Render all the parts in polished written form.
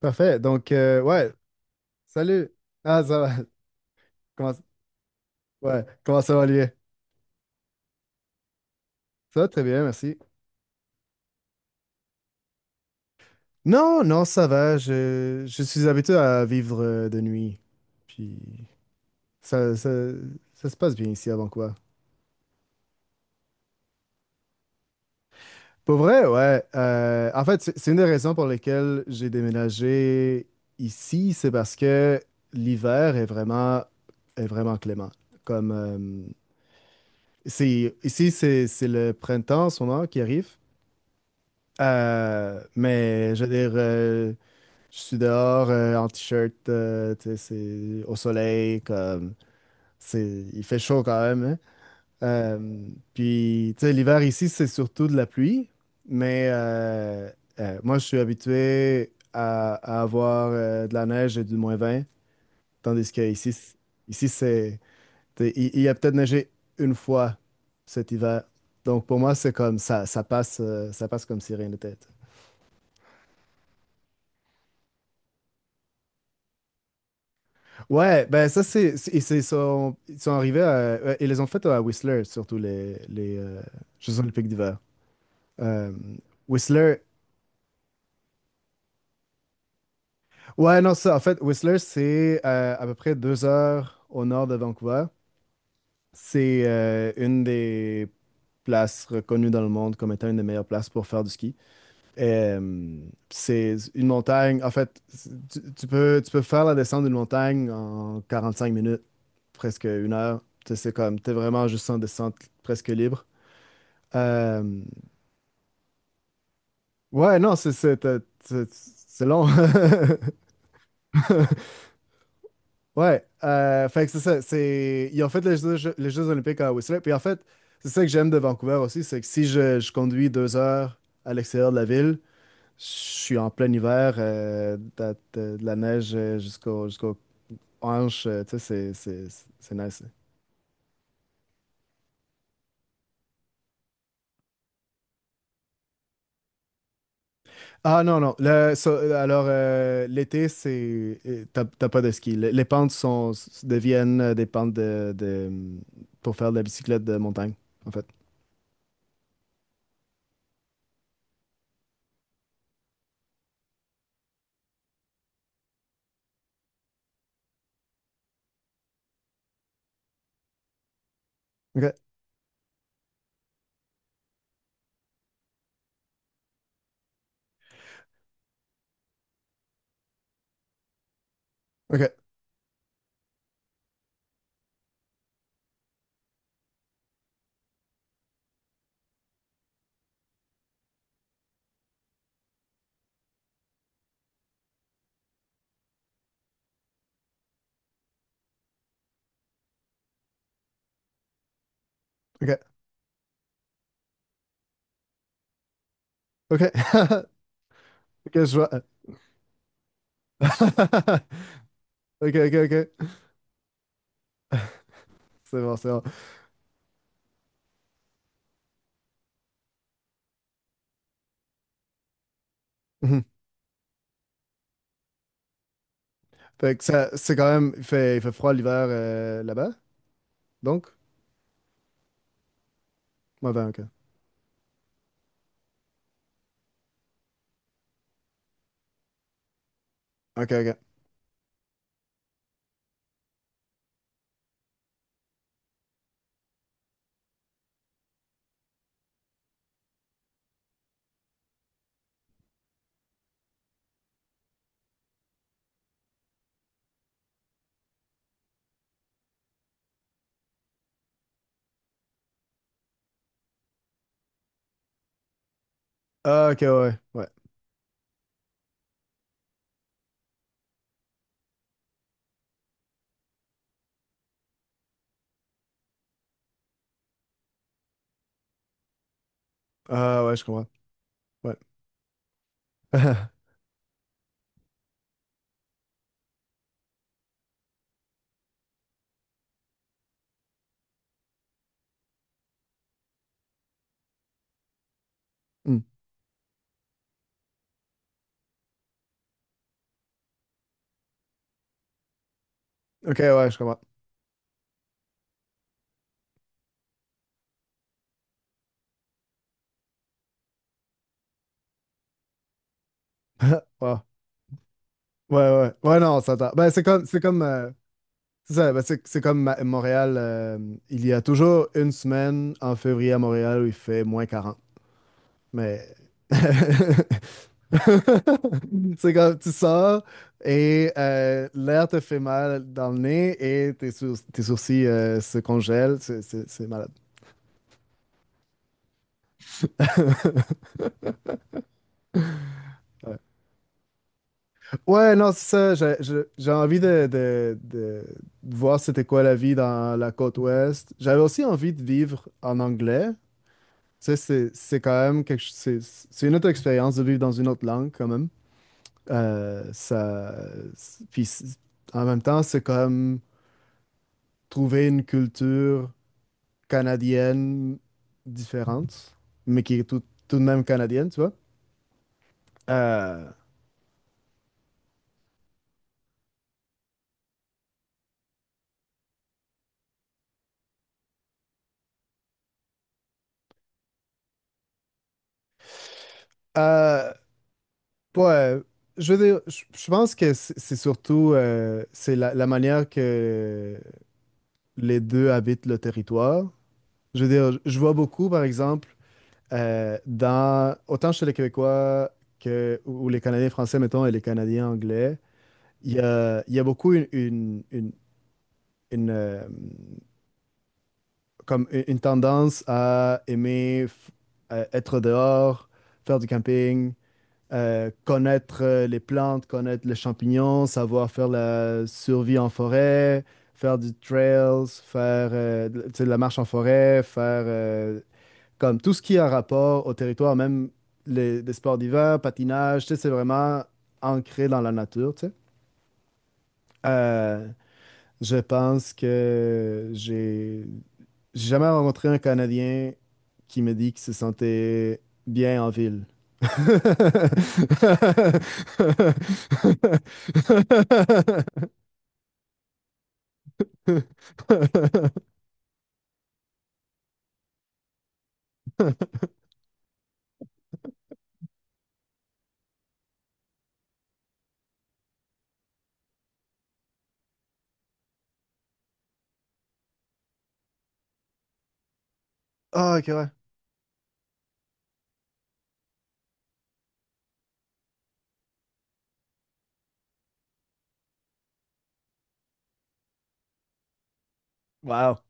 Parfait. Donc, ouais. Salut. Ah, ça va. Comment, ouais. Comment ça va, lui? Ça va très bien, merci. Non, non, ça va. Je suis habitué à vivre de nuit. Puis, ça, ça, ça se passe bien ici avant quoi. Pour vrai, ouais. En fait, c'est une des raisons pour lesquelles j'ai déménagé ici. C'est parce que l'hiver est vraiment, est vraiment clément. Comme, ici, c'est le printemps en ce moment qui arrive. Mais je veux dire, je suis dehors en t-shirt, tu sais, c'est au soleil, c'est, il fait chaud quand même, hein. Euh, puis, tu sais, l'hiver ici, c'est surtout de la pluie, mais moi, je suis habitué à avoir de la neige et du -20, tandis que ici, c'est, tu sais, il a peut-être neigé une fois cet hiver. Donc, pour moi, c'est comme ça passe comme si rien n'était. Ouais, ben ça c'est- et c'est- ils sont arrivés à, ouais, ils les ont fait à Whistler, surtout les Jeux Olympiques d'hiver. Euh, Whistler, ouais, non, ça, en fait, Whistler, c'est à peu près 2 heures au nord de Vancouver. C'est une des places reconnues dans le monde comme étant une des meilleures places pour faire du ski. Euh, c'est une montagne. En fait, tu peux faire la descente d'une montagne en 45 minutes, presque 1 heure. Tu sais, c'est comme, t'es vraiment juste en descente presque libre. Euh, ouais, non, c'est long. Ouais, fait que c'est ça. C'est, ils ont fait les Jeux Olympiques à Whistler. Puis en fait, c'est ça que j'aime de Vancouver aussi, c'est que si je conduis 2 heures à l'extérieur de la ville, je suis en plein hiver, t'as de la neige jusqu'aux hanches, tu sais, nice. Ah non, non, l'été, c'est t'as t'as pas de ski. Le- les pentes deviennent des pentes de pour faire de la bicyclette de montagne, en fait. OK, OK, OK, OK. OK, je vois. OK, OK, OK, c'est bon, c'est bon. Mhm. Fait que ça, c'est quand même, il fait froid l'hiver là-bas, donc? Ouais, ben, OK. OK, OK. Ah, ok, ouais, ouais, ouais. Ah, ouais, je comprends. Ouais. Hmm. Ok, ouais, je comprends. Wow. Ouais, ouais. Ouais, non, on s'entend. Ben, c'est comme, c'est comme, c'est ça, ben, c'est comme Montréal, il y a toujours une semaine en février à Montréal où il fait -40. Mais. C'est comme, tu sors et l'air te fait mal dans le nez et tes sourcils se congèlent. C'est ouais, non, c'est ça. J'ai envie de voir c'était quoi la vie dans la côte ouest. J'avais aussi envie de vivre en anglais. Tu sais, c'est quand même quelque ch- c'est une autre expérience de vivre dans une autre langue quand même. Ça, c'est- puis c'est- En même temps, c'est comme trouver une culture canadienne différente, mais qui est tout, tout de même canadienne, tu vois. Euh, euh, Pas, Je veux dire, je pense que c'est la manière que les deux habitent le territoire. Je veux dire, je vois beaucoup, par exemple, dans, autant chez les Québécois que, ou les Canadiens français, mettons, et les Canadiens anglais, il y a beaucoup une, euh, comme une tendance à aimer être dehors, faire du camping, connaître les plantes, connaître les champignons, savoir faire la survie en forêt, faire du trails, faire de la marche en forêt, faire comme tout ce qui a rapport au territoire, même des sports d'hiver, patinage, tu sais, c'est vraiment ancré dans la nature, tu sais. Euh, je pense que j'ai jamais rencontré un Canadien qui me dit qu'il se sentait bien en ville. Ah, ok, ouais. Wow.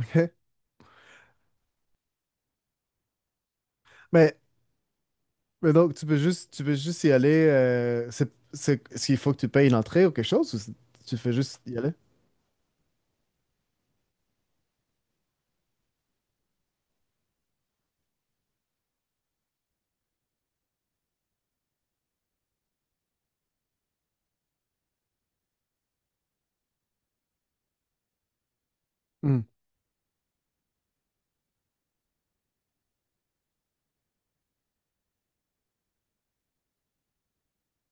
Ok. Mais, mais donc, tu peux juste y aller. Est-ce qu'il faut que tu payes l'entrée ou quelque chose, ou tu fais juste y aller? Hmm.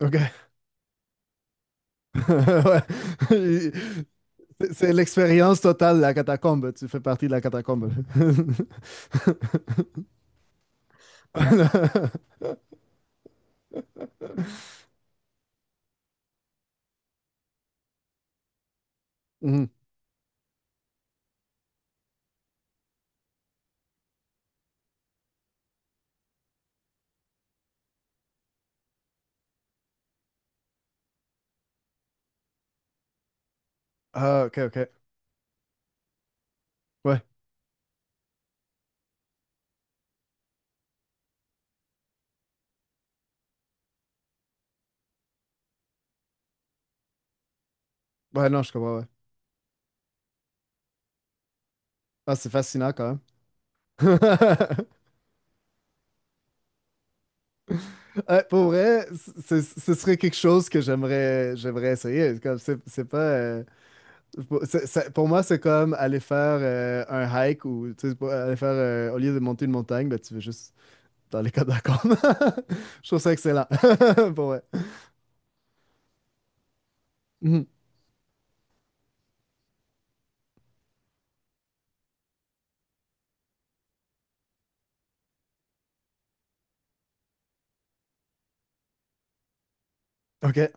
Ok. Ouais. C'est c'est l'expérience totale, la catacombe. Tu fais partie de la catacombe. Mhm. Ah, ok, ok. Ouais. Ouais, non, je comprends, ouais. Ah, c'est fascinant quand même. Ouais, pour vrai, ce serait quelque chose que j'aimerais essayer. Comme c'est pas pour moi c'est comme aller faire un hike, ou tu sais, aller faire au lieu de monter une montagne, ben, tu veux juste dans les catacombes. Je trouve ça excellent. Pour vrai. Mhm. Ok.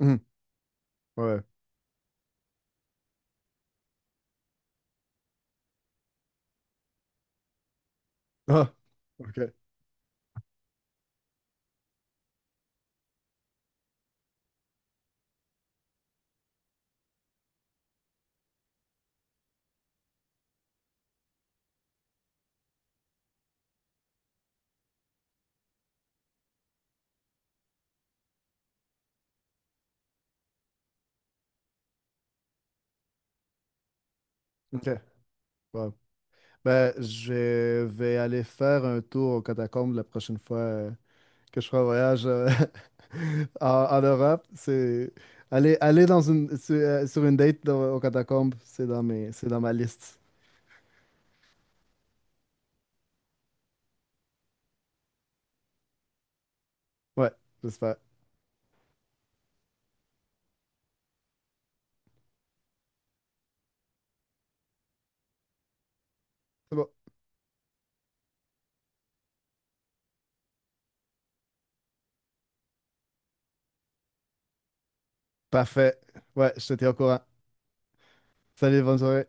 Mhm. Ouais, ouais. Ah, ok, ok. Bon. Ben, je vais aller faire un tour aux catacombes la prochaine fois que je ferai un voyage en, en Europe. C'est aller dans une, sur, sur une date dans- aux catacombes, c'est dans ma liste. Ouais, j'espère. C'est bon. Parfait. Ouais, je te tiens au courant. Salut, bonne soirée.